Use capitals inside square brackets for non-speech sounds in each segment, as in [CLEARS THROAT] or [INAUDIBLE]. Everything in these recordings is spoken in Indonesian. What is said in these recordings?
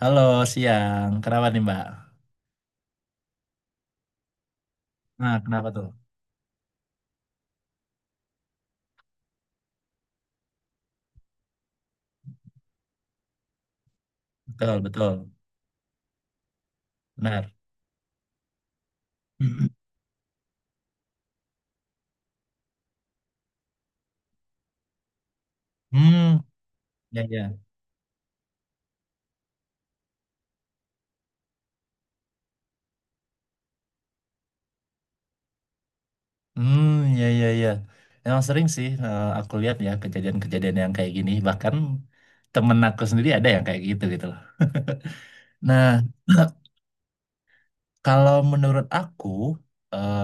Halo, siang. Kenapa nih, Mbak? Nah, kenapa tuh? Betul, betul. Benar. Mm. Hmm, ya, ya. Hmm, ya, ya, ya. Emang sering sih aku lihat ya kejadian-kejadian yang kayak gini. Bahkan temen aku sendiri ada yang kayak gitu gitu loh. [LAUGHS] Nah, [CLEARS THROAT] kalau menurut aku, eh,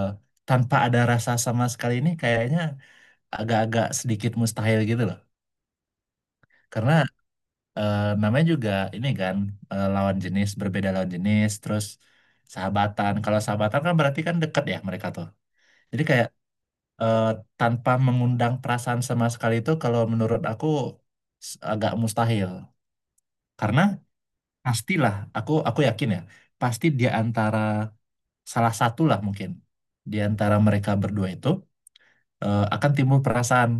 tanpa ada rasa sama sekali ini kayaknya agak-agak sedikit mustahil gitu loh. Karena namanya juga ini kan lawan jenis, berbeda lawan jenis, terus sahabatan. Kalau sahabatan kan berarti kan deket ya mereka tuh. Jadi kayak eh, tanpa mengundang perasaan sama sekali itu kalau menurut aku agak mustahil. Karena pastilah aku yakin ya, pasti di antara salah satu lah mungkin di antara mereka berdua itu akan timbul perasaan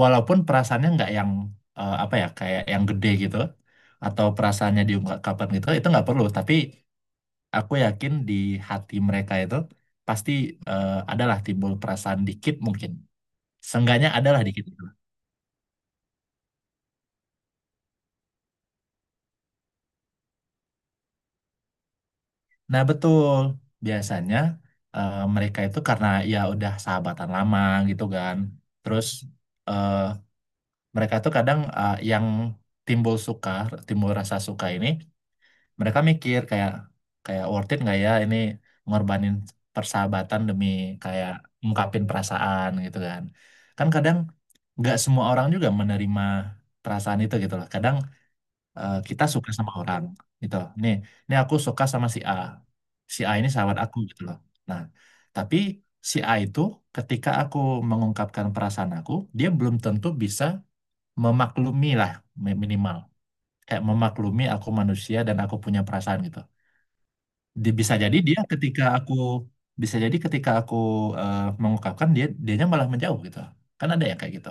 walaupun perasaannya nggak yang apa ya kayak yang gede gitu atau perasaannya diungkapkan gitu itu nggak perlu tapi aku yakin di hati mereka itu pasti adalah timbul perasaan dikit mungkin seenggaknya adalah dikit gitu. Nah betul, biasanya mereka itu karena ya udah sahabatan lama gitu kan, terus eh, mereka tuh kadang yang timbul suka timbul rasa suka ini, mereka mikir kayak kayak worth it nggak ya ini ngorbanin persahabatan demi kayak ungkapin perasaan gitu kan. Kan kadang nggak semua orang juga menerima perasaan itu gitu loh. Kadang kita suka sama orang gitu, nih nih aku suka sama si A, si A ini sahabat aku gitu loh. Nah tapi si A itu ketika aku mengungkapkan perasaan aku, dia belum tentu bisa memaklumi lah, minimal kayak memaklumi aku manusia dan aku punya perasaan gitu. di- bisa jadi dia ketika aku Bisa jadi ketika aku mengungkapkan, dia dianya malah menjauh gitu kan, ada ya kayak gitu.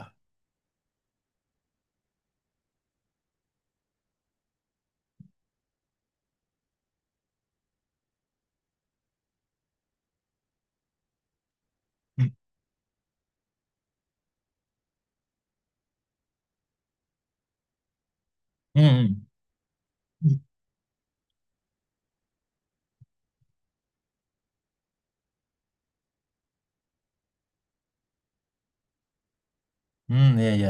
hmm hmm Hmm. Hmm, iya iya.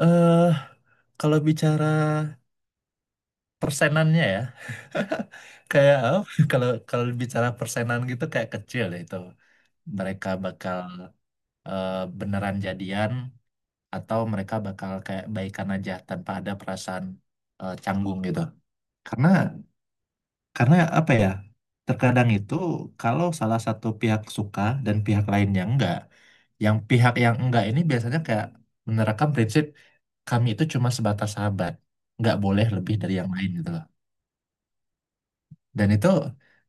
eh Kalau bicara persenannya ya, [LAUGHS] kayak eh, [LAUGHS] kalau kalau bicara persenan gitu kayak kecil ya itu mereka bakal eh, beneran jadian atau mereka bakal kayak baikan aja tanpa ada perasaan canggung gitu karena. Karena apa ya? Terkadang itu kalau salah satu pihak suka dan pihak lainnya enggak, yang pihak yang enggak ini biasanya kayak menerapkan prinsip kami itu cuma sebatas sahabat, nggak boleh lebih dari yang lain gitu loh. Dan itu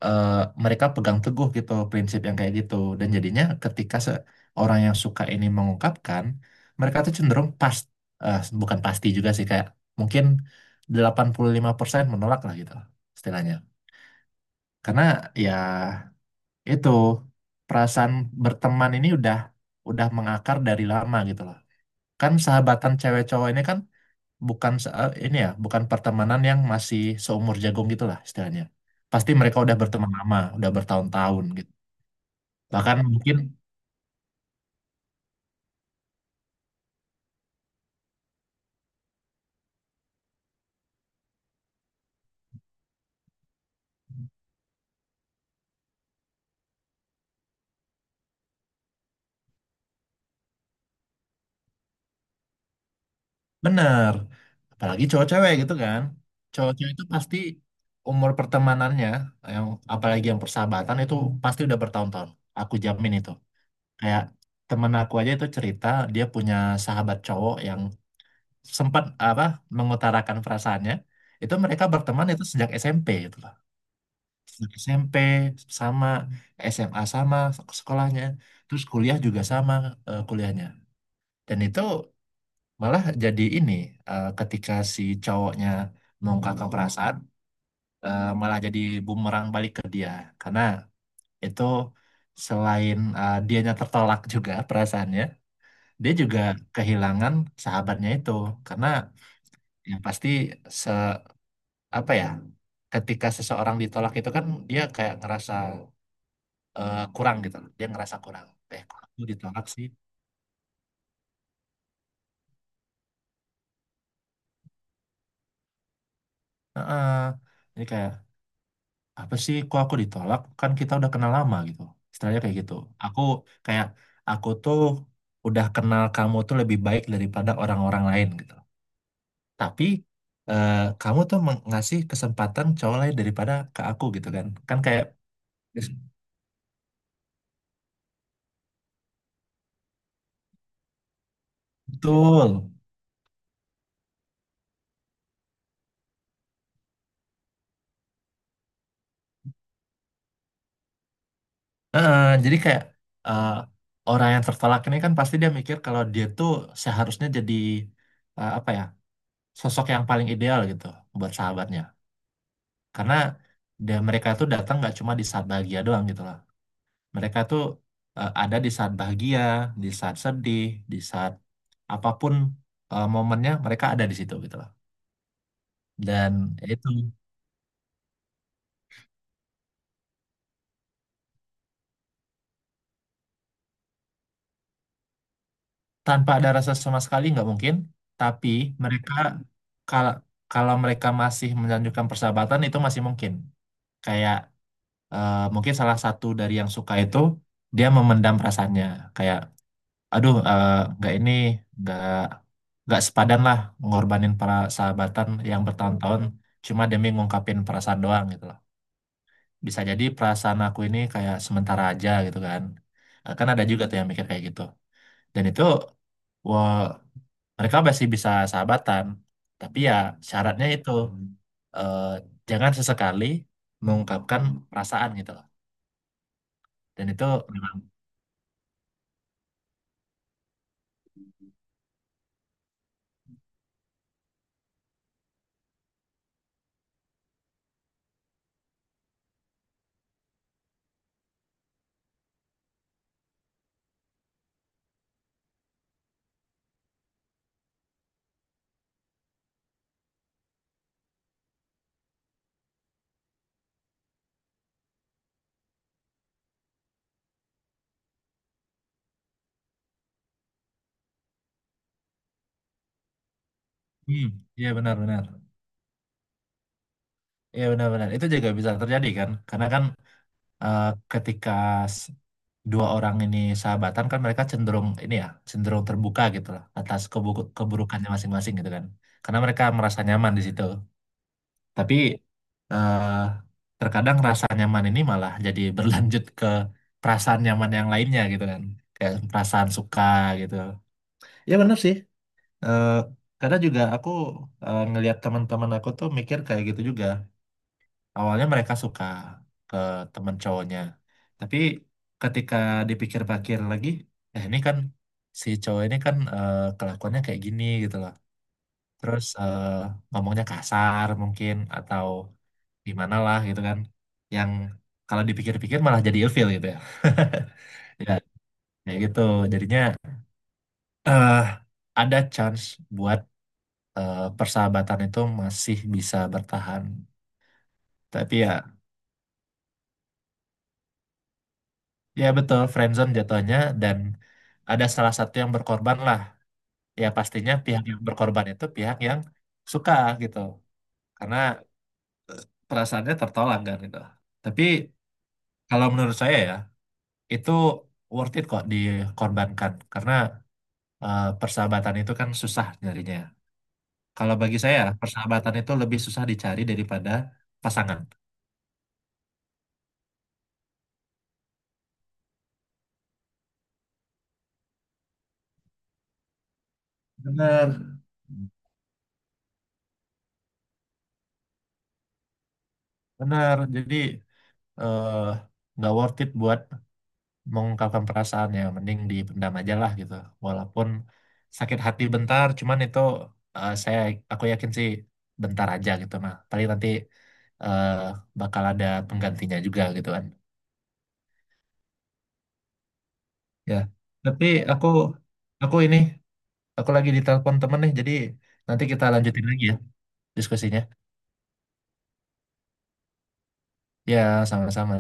eh, mereka pegang teguh gitu prinsip yang kayak gitu. Dan jadinya ketika orang yang suka ini mengungkapkan, mereka tuh cenderung pas bukan pasti juga sih, kayak mungkin 85% menolak lah gitu loh, istilahnya. Karena ya itu, perasaan berteman ini udah mengakar dari lama gitu loh. Kan sahabatan cewek cowok ini kan bukan ini ya, bukan pertemanan yang masih seumur jagung gitu lah istilahnya. Pasti mereka udah berteman lama, udah bertahun-tahun gitu. Bahkan mungkin bener, apalagi cowok-cewek gitu kan. Cowok-cewek itu pasti umur pertemanannya, yang apalagi yang persahabatan itu pasti udah bertahun-tahun. Aku jamin itu. Kayak temen aku aja itu cerita, dia punya sahabat cowok yang sempat apa mengutarakan perasaannya. Itu mereka berteman itu sejak SMP gitu loh, sejak SMP sama SMA, sama sekolahnya, terus kuliah juga sama kuliahnya. Dan itu malah jadi ini, ketika si cowoknya mengungkapkan perasaan, malah jadi bumerang balik ke dia karena itu, selain dianya tertolak juga [LAUGHS] perasaannya, dia juga kehilangan sahabatnya itu. Karena ya pasti se apa ya, ketika seseorang ditolak itu kan dia kayak ngerasa kurang gitu loh, dia ngerasa kurang. Kok aku ditolak sih? Heeh. Ini kayak apa sih, kok aku ditolak, kan kita udah kenal lama gitu, istilahnya kayak gitu. Aku kayak aku tuh udah kenal kamu tuh lebih baik daripada orang-orang lain gitu, tapi eh, kamu tuh mengasih kesempatan cowok lain daripada ke aku gitu kan, kan kayak betul. Eh, jadi kayak eh, orang yang tertolak ini kan pasti dia mikir kalau dia tuh seharusnya jadi apa ya, sosok yang paling ideal gitu buat sahabatnya. Karena mereka tuh datang nggak cuma di saat bahagia doang gitu loh. Mereka tuh ada di saat bahagia, di saat sedih, di saat apapun momennya mereka ada di situ gitu loh. Dan ya itu, tanpa ada rasa sama sekali nggak mungkin, tapi mereka kalau kalau mereka masih melanjutkan persahabatan itu masih mungkin. Kayak mungkin salah satu dari yang suka itu dia memendam perasaannya, kayak aduh eh, nggak ini nggak sepadan lah ngorbanin persahabatan yang bertahun-tahun cuma demi ngungkapin perasaan doang gitu loh. Bisa jadi perasaan aku ini kayak sementara aja gitu kan. Eh, kan ada juga tuh yang mikir kayak gitu. Dan itu wah, mereka masih bisa sahabatan tapi ya syaratnya itu eh, jangan sesekali mengungkapkan perasaan gitu loh, dan itu memang. Hmm, iya benar-benar. Iya benar-benar itu juga bisa terjadi kan karena kan eh, ketika s- dua orang ini sahabatan kan mereka cenderung ini ya cenderung terbuka gitu loh atas keburukannya masing-masing gitu kan, karena mereka merasa nyaman di situ. Tapi eh, terkadang rasa nyaman ini malah jadi [LAUGHS] berlanjut ke perasaan nyaman yang lainnya gitu kan. Kayak perasaan suka gitu. Ya benar sih. Eh, kadang juga aku ngelihat teman-teman aku tuh mikir kayak gitu juga. Awalnya mereka suka ke teman cowoknya. Tapi ketika dipikir-pikir lagi, eh ini kan si cowok ini kan kelakuannya kayak gini gitu loh. Terus ngomongnya kasar mungkin atau di mana lah gitu kan, yang kalau dipikir-pikir malah jadi ilfil gitu ya. [LAUGHS] Ya kayak gitu, jadinya eh ada chance buat persahabatan itu masih bisa bertahan, tapi ya ya betul, friendzone jatuhnya, dan ada salah satu yang berkorban lah. Ya pastinya pihak yang berkorban itu pihak yang suka gitu, karena perasaannya tertolak kan gitu. Tapi kalau menurut saya ya, itu worth it kok dikorbankan karena persahabatan itu kan susah nyarinya. Kalau bagi saya, persahabatan itu lebih susah dicari daripada pasangan. Benar, benar. Jadi eh, nggak worth it buat mengungkapkan perasaannya. Mending dipendam aja lah gitu. Walaupun sakit hati bentar, cuman itu eh, saya aku yakin sih bentar aja gitu mah. Paling nanti eh, bakal ada penggantinya juga gitu kan. Ya, tapi aku aku ini aku lagi ditelepon temen nih, jadi nanti kita lanjutin lagi ya diskusinya. Ya, sama-sama.